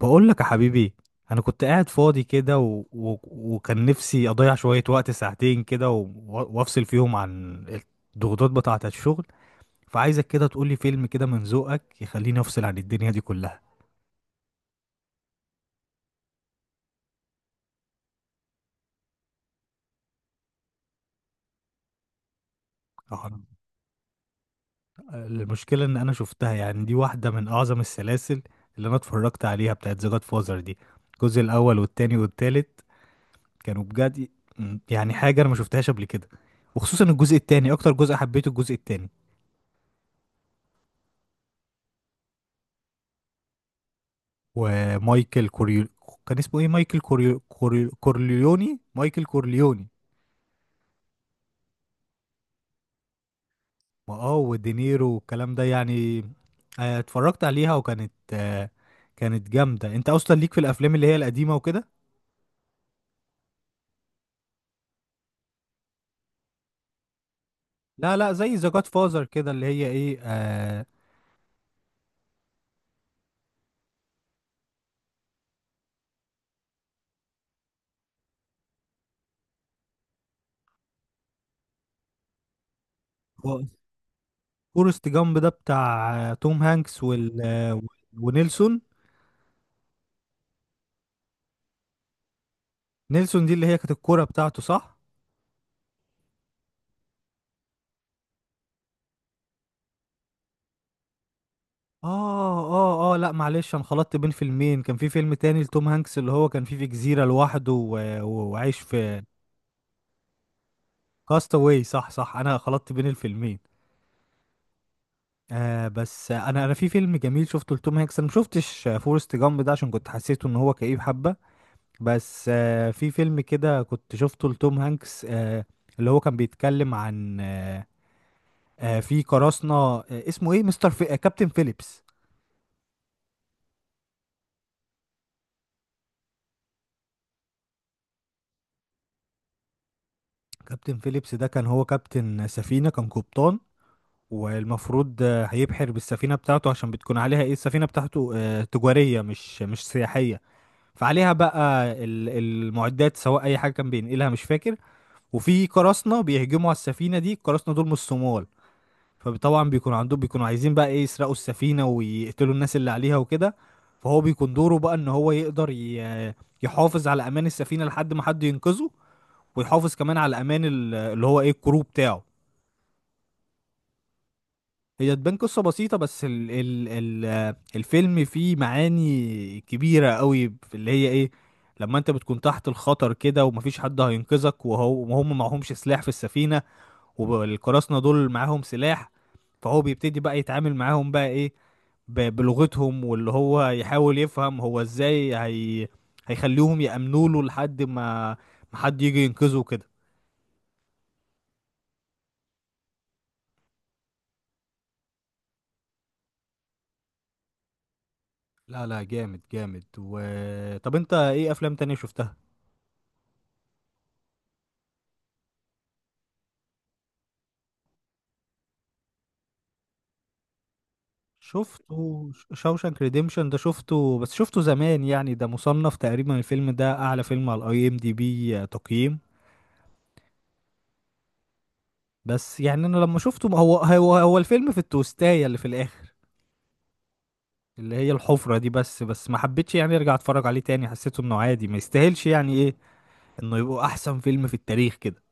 بقول لك يا حبيبي. انا كنت قاعد فاضي كده و... و... وكان نفسي اضيع شوية وقت ساعتين كده و... و- وافصل فيهم عن الضغوطات بتاعة الشغل. فعايزك كده تقولي فيلم كده من ذوقك يخليني افصل عن الدنيا دي كلها. أه، المشكلة ان انا شفتها، يعني دي واحدة من اعظم السلاسل اللي انا اتفرجت عليها، بتاعت ذا جاد فازر دي. الجزء الاول والتاني والتالت كانوا بجد، يعني حاجة انا ما شفتهاش قبل كده. وخصوصا الجزء التاني، اكتر جزء حبيته الجزء التاني. ومايكل كوريو، كان اسمه ايه؟ مايكل كوريو كورليوني، مايكل كورليوني. واه ودينيرو والكلام ده يعني. اتفرجت عليها وكانت كانت جامدة. انت اصلا ليك في الافلام اللي هي القديمة وكده. لا لا، زي ذا جاد فازر كده اللي هي ايه، آه. هو فورست جامب ده بتاع توم هانكس وال ونيلسون. نيلسون دي اللي هي كانت الكورة بتاعته، صح؟ اه اه اه، لا معلش، انا خلطت بين فيلمين. كان في فيلم تاني لتوم هانكس اللي هو كان فيه في جزيرة لوحده و- و- وعايش في... كاستاوي، صح صح، انا خلطت بين الفيلمين. بس انا في فيلم جميل شفته لتوم هانكس. انا ما شفتش فورست جامب ده عشان كنت حسيته ان هو كئيب حبة. بس في فيلم كده كنت شفته لتوم هانكس، اللي هو كان بيتكلم عن في قراصنة، اسمه ايه؟ مستر في... آه كابتن فيليبس. كابتن فيليبس ده كان هو كابتن سفينة، كان قبطان. والمفروض هيبحر بالسفينة بتاعته، عشان بتكون عليها ايه، السفينة بتاعته تجارية، مش سياحية. فعليها بقى المعدات سواء اي حاجة كان بينقلها، مش فاكر. وفي قراصنة بيهجموا على السفينة دي، القراصنة دول من الصومال. فطبعا بيكون عندهم، بيكونوا عايزين بقى ايه، يسرقوا السفينة ويقتلوا الناس اللي عليها وكده. فهو بيكون دوره بقى ان هو يحافظ على امان السفينة لحد ما حد ينقذه. ويحافظ كمان على امان اللي هو ايه، الكرو بتاعه. هي تبان قصة بسيطة، بس ال ال ال آه، الفيلم فيه معاني كبيرة قوي في اللي هي ايه، لما انت بتكون تحت الخطر كده ومفيش حد هينقذك، وهو وهم معهمش سلاح في السفينة، والقراصنة دول معاهم سلاح. فهو بيبتدي بقى يتعامل معاهم بقى ايه، بلغتهم، واللي هو يحاول يفهم هو ازاي هي هيخليهم يأمنوا له لحد ما ما حد يجي ينقذه كده. لا لا، جامد جامد. و طب انت ايه افلام تانية شفتها؟ شفته. شوشانك ريديمشن ده شفته، بس شفته زمان يعني. ده مصنف تقريبا الفيلم ده اعلى فيلم على IMDb تقييم. بس يعني انا لما شفته، ما هو هو الفيلم في التوستاية اللي في الاخر اللي هي الحفرة دي، بس ما حبيتش يعني ارجع اتفرج عليه تاني. حسيته انه عادي، ما يستاهلش يعني ايه، انه يبقى احسن فيلم في التاريخ كده.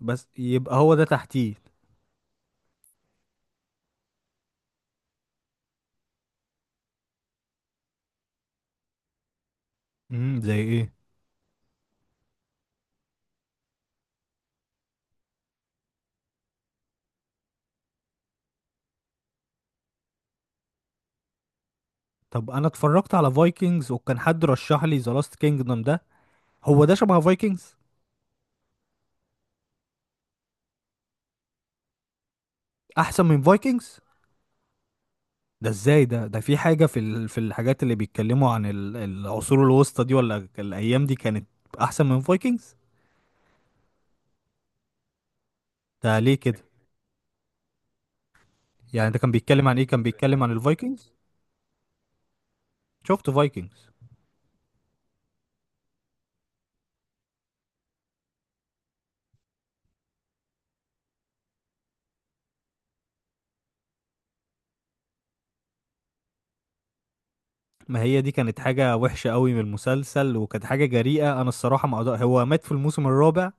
بس يبقى هو ده تحتيه. امم، زي ايه؟ طب انا اتفرجت على فايكنجز وكان حد رشح لي ذا لاست كينجدم ده، هو ده شبه فايكنجز؟ احسن من فايكنجز؟ ده ازاي ده؟ ده في حاجة في الحاجات اللي بيتكلموا عن العصور الوسطى دي ولا الأيام دي، كانت أحسن من فايكنجز؟ ده ليه كده؟ يعني ده كان بيتكلم عن إيه؟ كان بيتكلم عن الفايكنجز؟ شفت فايكنجز. ما هي دي كانت حاجة وحشة قوي من المسلسل، وكانت حاجة جريئة، أنا الصراحة ما أقدر. هو مات في الموسم الرابع.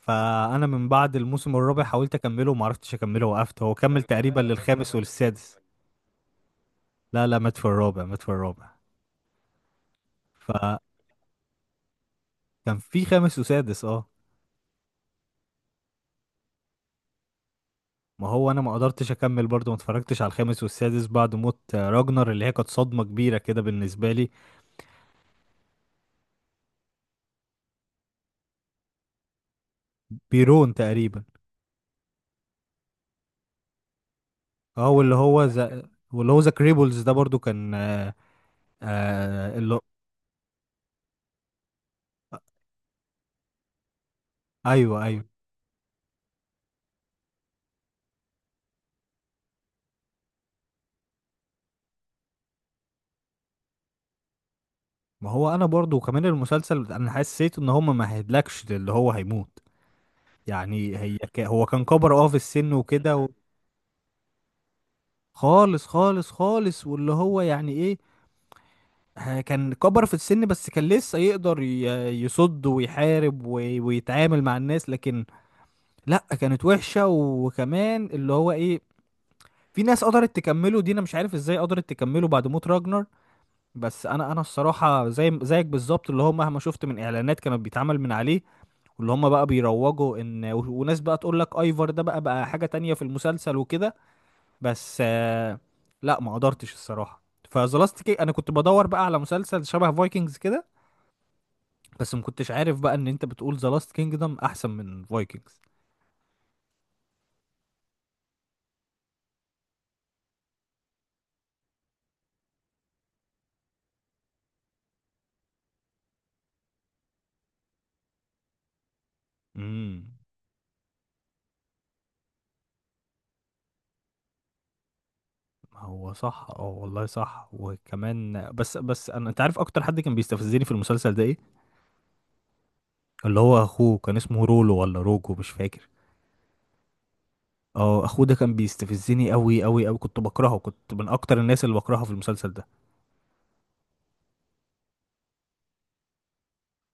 فأنا من بعد الموسم الرابع حاولت أكمله وما عرفتش أكمله، وقفت. هو كمل تقريبا للخامس والسادس. لا لا، مات في الرابع، مات في الرابع. فكان في خامس وسادس، اه. ما هو انا ما قدرتش اكمل برضو، ما اتفرجتش على الخامس والسادس بعد موت راجنر، اللي هي كانت صدمة كبيرة كده بالنسبة لي. بيرون تقريبا، اه. واللي هو ذا، واللي هو ذا كريبلز ده برضو كان اللي... ايوه ايوه. ما هو انا برضو، وكمان المسلسل انا حسيت ان هم ما هيدلكش اللي هو هيموت. يعني هو كان كبر اه في السن وكده خالص خالص خالص. واللي هو يعني ايه، كان كبر في السن، بس كان لسه يصد ويحارب وي- ويتعامل مع الناس. لكن لا، كانت وحشة. وكمان اللي هو ايه، في ناس قدرت تكمله دي، انا مش عارف ازاي قدرت تكمله بعد موت راجنر. بس انا الصراحة زي زيك بالظبط، اللي هو مهما شفت من اعلانات كانت بيتعمل من عليه، واللي هم بقى بيروجوا ان و وناس بقى تقول لك ايفر ده بقى حاجة تانية في المسلسل وكده. بس لا، ما قدرتش الصراحة. فذا لاست انا كنت بدور بقى على مسلسل شبه فايكنجز كده، بس ما كنتش عارف بقى ان انت بتقول ذا لاست كينجدم احسن من فايكنجز. امم. هو صح اه، والله صح. وكمان بس انا، انت عارف اكتر حد كان بيستفزني في المسلسل ده ايه؟ اللي هو اخوه كان اسمه رولو ولا روجو، مش فاكر. اه، اخوه ده كان بيستفزني قوي قوي قوي، كنت بكرهه، كنت من اكتر الناس اللي بكرهها في المسلسل ده.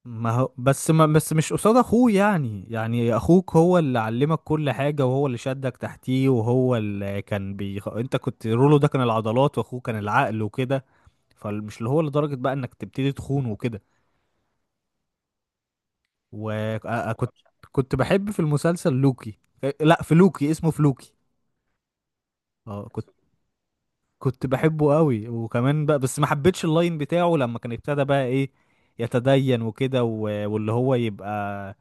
ما هو بس مش قصاد اخوه، يعني يعني اخوك هو اللي علمك كل حاجة، وهو اللي شدك تحتيه، وهو اللي انت كنت، رولو ده كان العضلات واخوه كان العقل وكده. فمش اللي هو لدرجة بقى انك تبتدي تخون وكده. وكنت... كنت بحب في المسلسل لوكي، لا في لوكي، اسمه فلوكي. اه، كنت... كنت بحبه قوي، وكمان بقى، بس ما حبيتش اللاين بتاعه لما كان ابتدى بقى ايه، يتدين وكده و واللي هو يبقى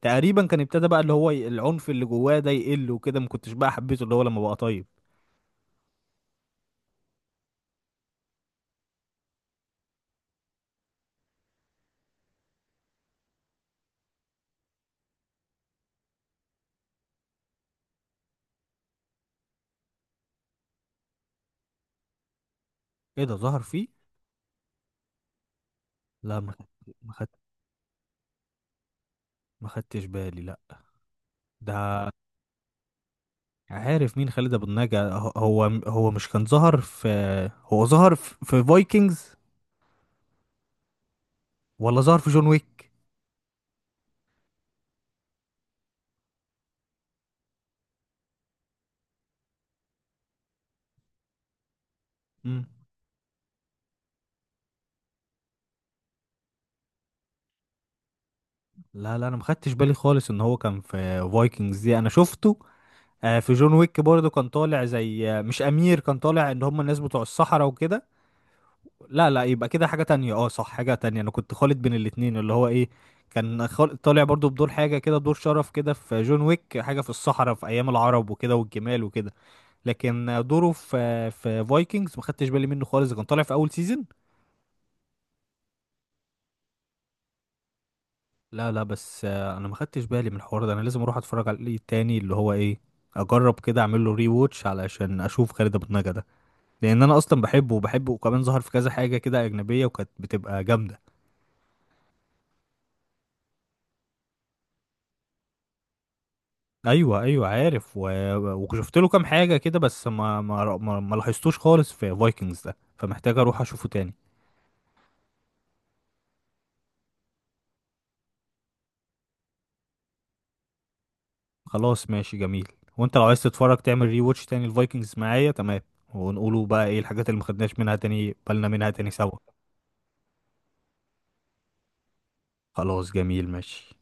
تقريبا كان ابتدى بقى اللي هو العنف اللي جواه ده يقل وكده. ما كنتش بقى حبيته اللي هو لما بقى طيب. ايه ده، ظهر فيه؟ لا ما خدت، ما خدت، ما خدتش بالي، لا. ده... عارف مين خالد ابو النجا. هو هو مش كان ظهر في... هو ظهر في فايكنجز ولا ظهر في جون ويك؟ مم. لا لا، انا ما خدتش بالي خالص ان هو كان في فايكنجز دي. انا شفته في جون ويك برضه كان طالع زي مش امير، كان طالع ان هم الناس بتوع الصحراء وكده. لا لا، يبقى كده حاجة تانية، اه صح، حاجة تانية، انا كنت خالط بين الاتنين اللي هو ايه، طالع برضه بدور حاجة كده، دور شرف كده في جون ويك، حاجة في الصحراء في ايام العرب وكده والجمال وكده. لكن دوره في فايكنجز ما خدتش بالي منه خالص، كان طالع في اول سيزون. لا لا، بس انا ما خدتش بالي من الحوار ده. انا لازم اروح اتفرج عليه تاني اللي هو ايه، اجرب كده اعمل له ري ووتش علشان اشوف خالد ابو النجا ده. لان انا اصلا بحبه وبحبه، وكمان ظهر في كذا حاجه كده اجنبيه وكانت بتبقى جامده. ايوه ايوه، عارف وشفت له كام حاجه كده، بس ما لاحظتوش خالص في فايكنجز ده، فمحتاج اروح اشوفه تاني. خلاص ماشي جميل. وانت لو عايز تتفرج تعمل ري واتش تاني الفايكنجز معايا، تمام. ونقولوا بقى ايه الحاجات اللي ما خدناش منها، تاني بالنا منها تاني سوا. خلاص جميل ماشي.